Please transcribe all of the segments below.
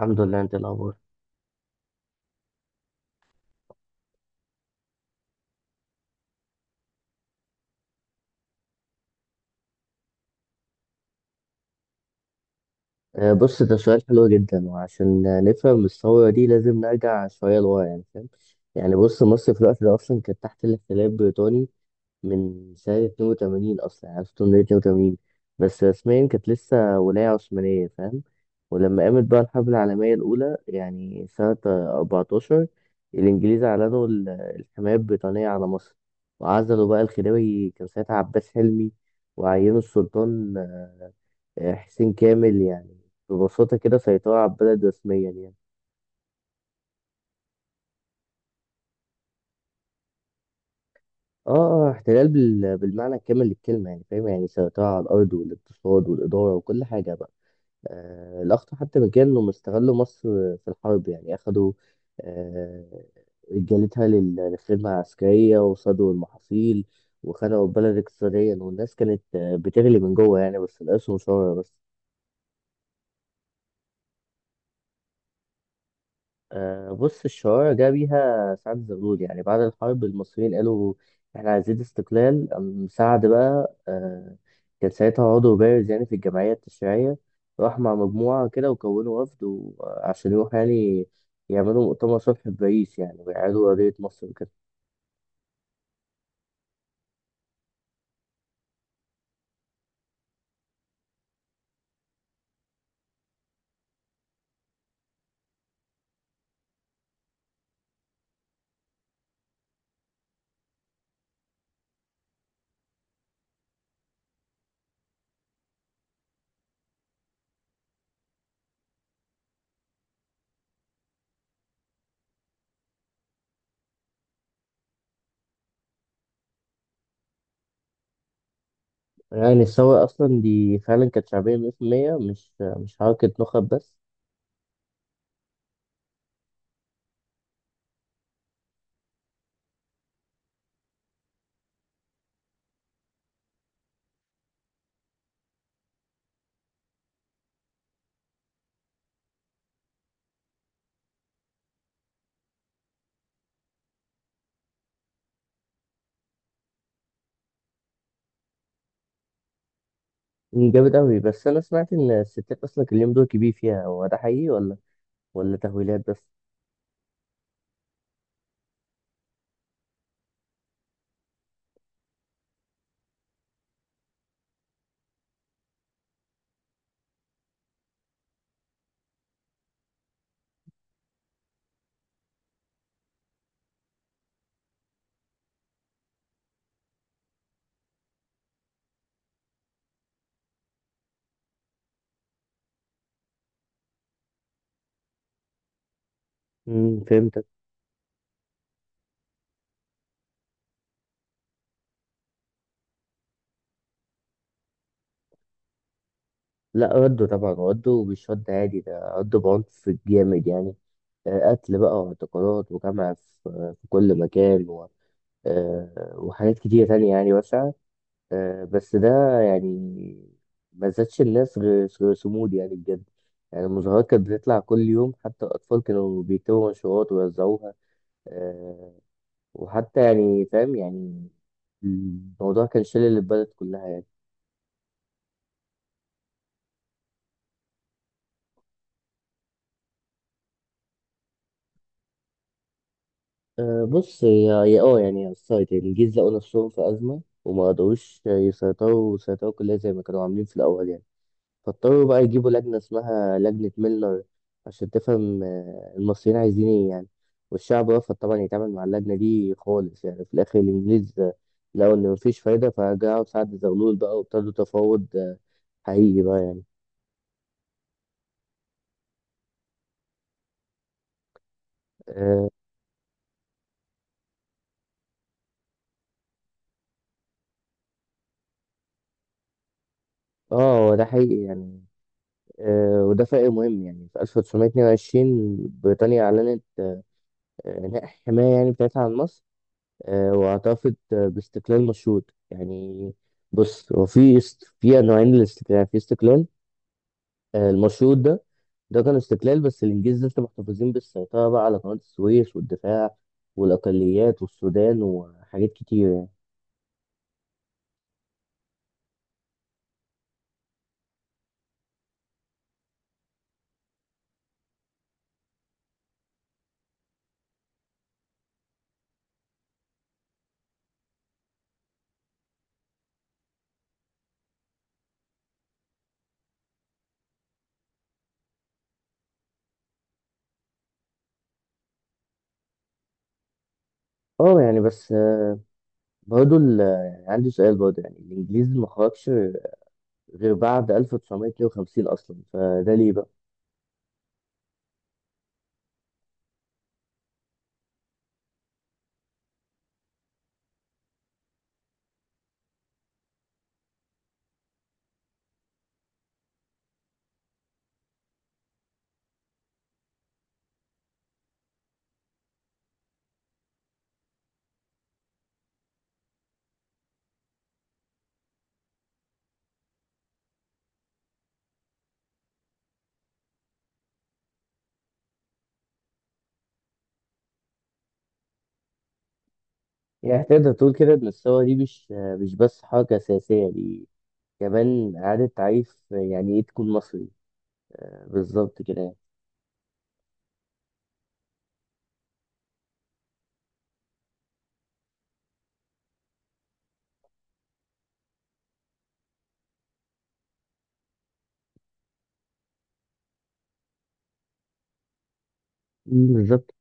الحمد لله. انت إيه الاخبار؟ آه، بص، ده سؤال حلو جدا. وعشان نفهم الثوره دي لازم نرجع شويه لورا، يعني فاهم؟ يعني بص، مصر في الوقت ده اصلا كانت تحت الاحتلال البريطاني من سنه 82، اصلا يعني 1882. بس رسميا كانت لسه ولايه عثمانيه، فاهم؟ ولما قامت بقى الحرب العالميه الاولى، يعني سنه 14، الانجليز اعلنوا الحمايه البريطانيه على مصر. وعزلوا بقى الخديوي، كان ساعتها عباس حلمي، وعينوا السلطان حسين كامل، يعني. ببساطة كده، سيطرة على البلد رسميا يعني. اه، اه، احتلال بالمعنى الكامل للكلمة، يعني فاهم؟ يعني سيطرة على الأرض والاقتصاد والإدارة وكل حاجة بقى. آه، الأخطر حتى من كده إنهم استغلوا مصر في الحرب، يعني أخدوا آه رجالتها للخدمة العسكرية وصادوا المحاصيل. وخنقوا البلد اقتصاديا، والناس كانت بتغلي من جوه، يعني بس القسم شر بس. آه، بص، الشوارع جه بيها سعد زغلول. يعني بعد الحرب المصريين قالوا احنا عايزين استقلال. قام سعد بقى كان ساعتها عضو بارز يعني في الجمعية التشريعية. راح مع مجموعة كده وكونوا وفد، عشان يروح يعني يعملوا مؤتمر صلح في باريس، يعني ويعادوا قضية مصر وكده. يعني الثورة أصلا دي فعلا كانت شعبية مية في المية، مش حركة نخب بس. جامد أوي. بس أنا سمعت إن الستات أصلا كان ليهم دور كبير فيها، هو ده حقيقي ولا تهويلات بس؟ فهمت. لا، ردوا طبعا، ردوا مش رد عادي ده، ردوا بعنف جامد يعني. قتل بقى واعتقالات وجمع في في كل مكان وحاجات كتيرة تانية، يعني واسعة. بس ده يعني ما زادش الناس غير صمود يعني بجد. يعني المظاهرات كانت بتطلع كل يوم، حتى الأطفال كانوا بيكتبوا منشورات ويوزعوها آه، وحتى يعني فاهم يعني. الموضوع كان شلل البلد كلها، يعني. أه، بص، هي هي اه يعني الصيد الجيش لقوا نفسهم في أزمة، وما قدروش يسيطروا وسيطروا كلها زي ما كانوا عاملين في الأول يعني. فاضطروا بقى يجيبوا لجنة اسمها لجنة ميلنر عشان تفهم المصريين عايزين ايه، يعني. والشعب رفض طبعا يتعامل مع اللجنة دي خالص. يعني في الآخر الإنجليز لقوا إن مفيش فايدة، فرجعوا سعد زغلول بقى وابتدوا تفاوض حقيقي بقى يعني. اه، هو ده حقيقي يعني. وده فرق مهم، يعني في 1922 بريطانيا أعلنت اللي هي الحماية يعني بتاعتها عن مصر. واعترفت باستقلال مشروط يعني. بص، هو في في نوعين للاستقلال، في استقلال المشروط ده. ده كان استقلال بس الإنجليز لسه محتفظين بالسيطرة بقى على قناة السويس والدفاع والأقليات والسودان وحاجات كتير يعني. اه، يعني بس برضه يعني عندي سؤال، برضه يعني الإنجليز ما خرجش غير بعد 1952 أصلا، فده ليه بقى؟ يعني تقدر تقول كده إن الثورة دي مش بس حركة سياسية، دي كمان إعادة تعريف يعني إيه تكون مصري. بالظبط كده، يعني. مم، بالظبط.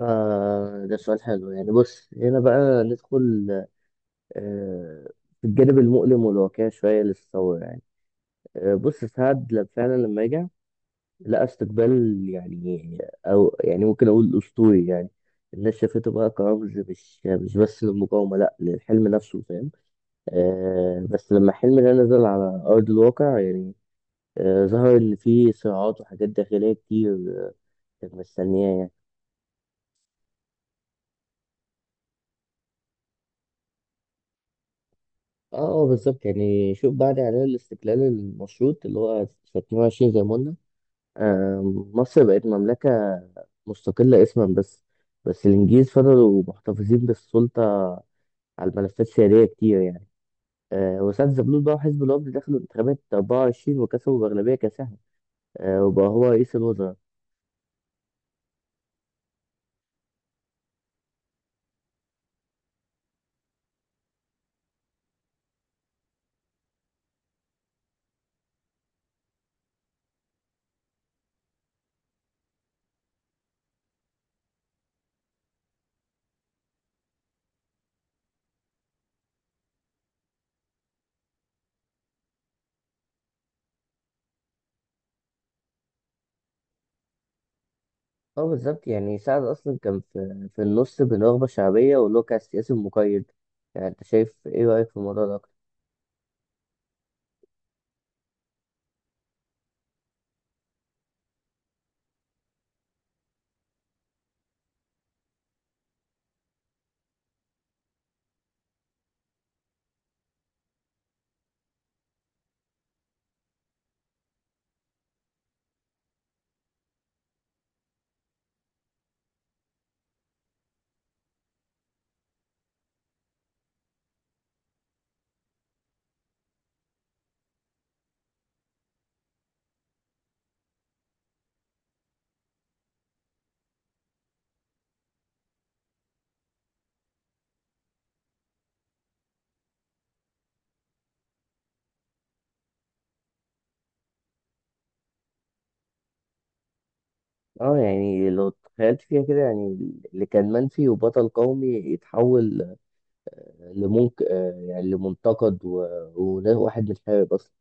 آه، ده سؤال حلو يعني. بص، هنا بقى ندخل آه في الجانب المؤلم والواقعي شوية للثورة يعني. آه، بص، سعد فعلا لما رجع لقى استقبال يعني، أو يعني ممكن أقول أسطوري يعني. الناس شافته بقى كرمز مش بس للمقاومة، لأ، للحلم نفسه، فاهم؟ آه، بس لما الحلم ده نزل على أرض الواقع يعني، ظهر إن في صراعات وحاجات داخلية كتير آه، كانت مستنياه يعني. اه، بالظبط يعني شوف، بعد إعلان الاستقلال المشروط اللي هو في 22 زي ما قلنا مصر بقت مملكة مستقلة اسما بس. بس الإنجليز فضلوا محتفظين بالسلطة على الملفات السيادية كتير يعني. وساعة زبلول بقى وحزب الوفد دخلوا انتخابات 24 وكسبوا بأغلبية كاسحة. وبقى هو رئيس الوزراء. اه، بالظبط يعني سعد اصلا كان في النص، بين رغبه شعبيه واللي هو كان سياسي مقيد. يعني انت شايف، ايه رايك في الموضوع ده اكتر؟ اه، يعني لو تخيلت فيها كده يعني، اللي كان منفي وبطل قومي يتحول لمنك آه يعني لمنتقد وواحد متحارب اصلا.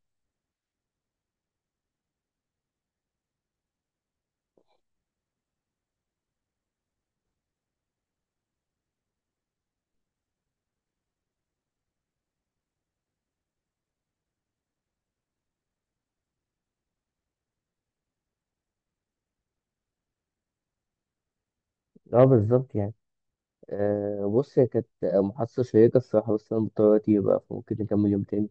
اه، بالظبط يعني. آه، بص، هي كانت محادثه شيقه الصراحه، بس انا مضطر دلوقتي بقى، فممكن نكمل يوم تاني.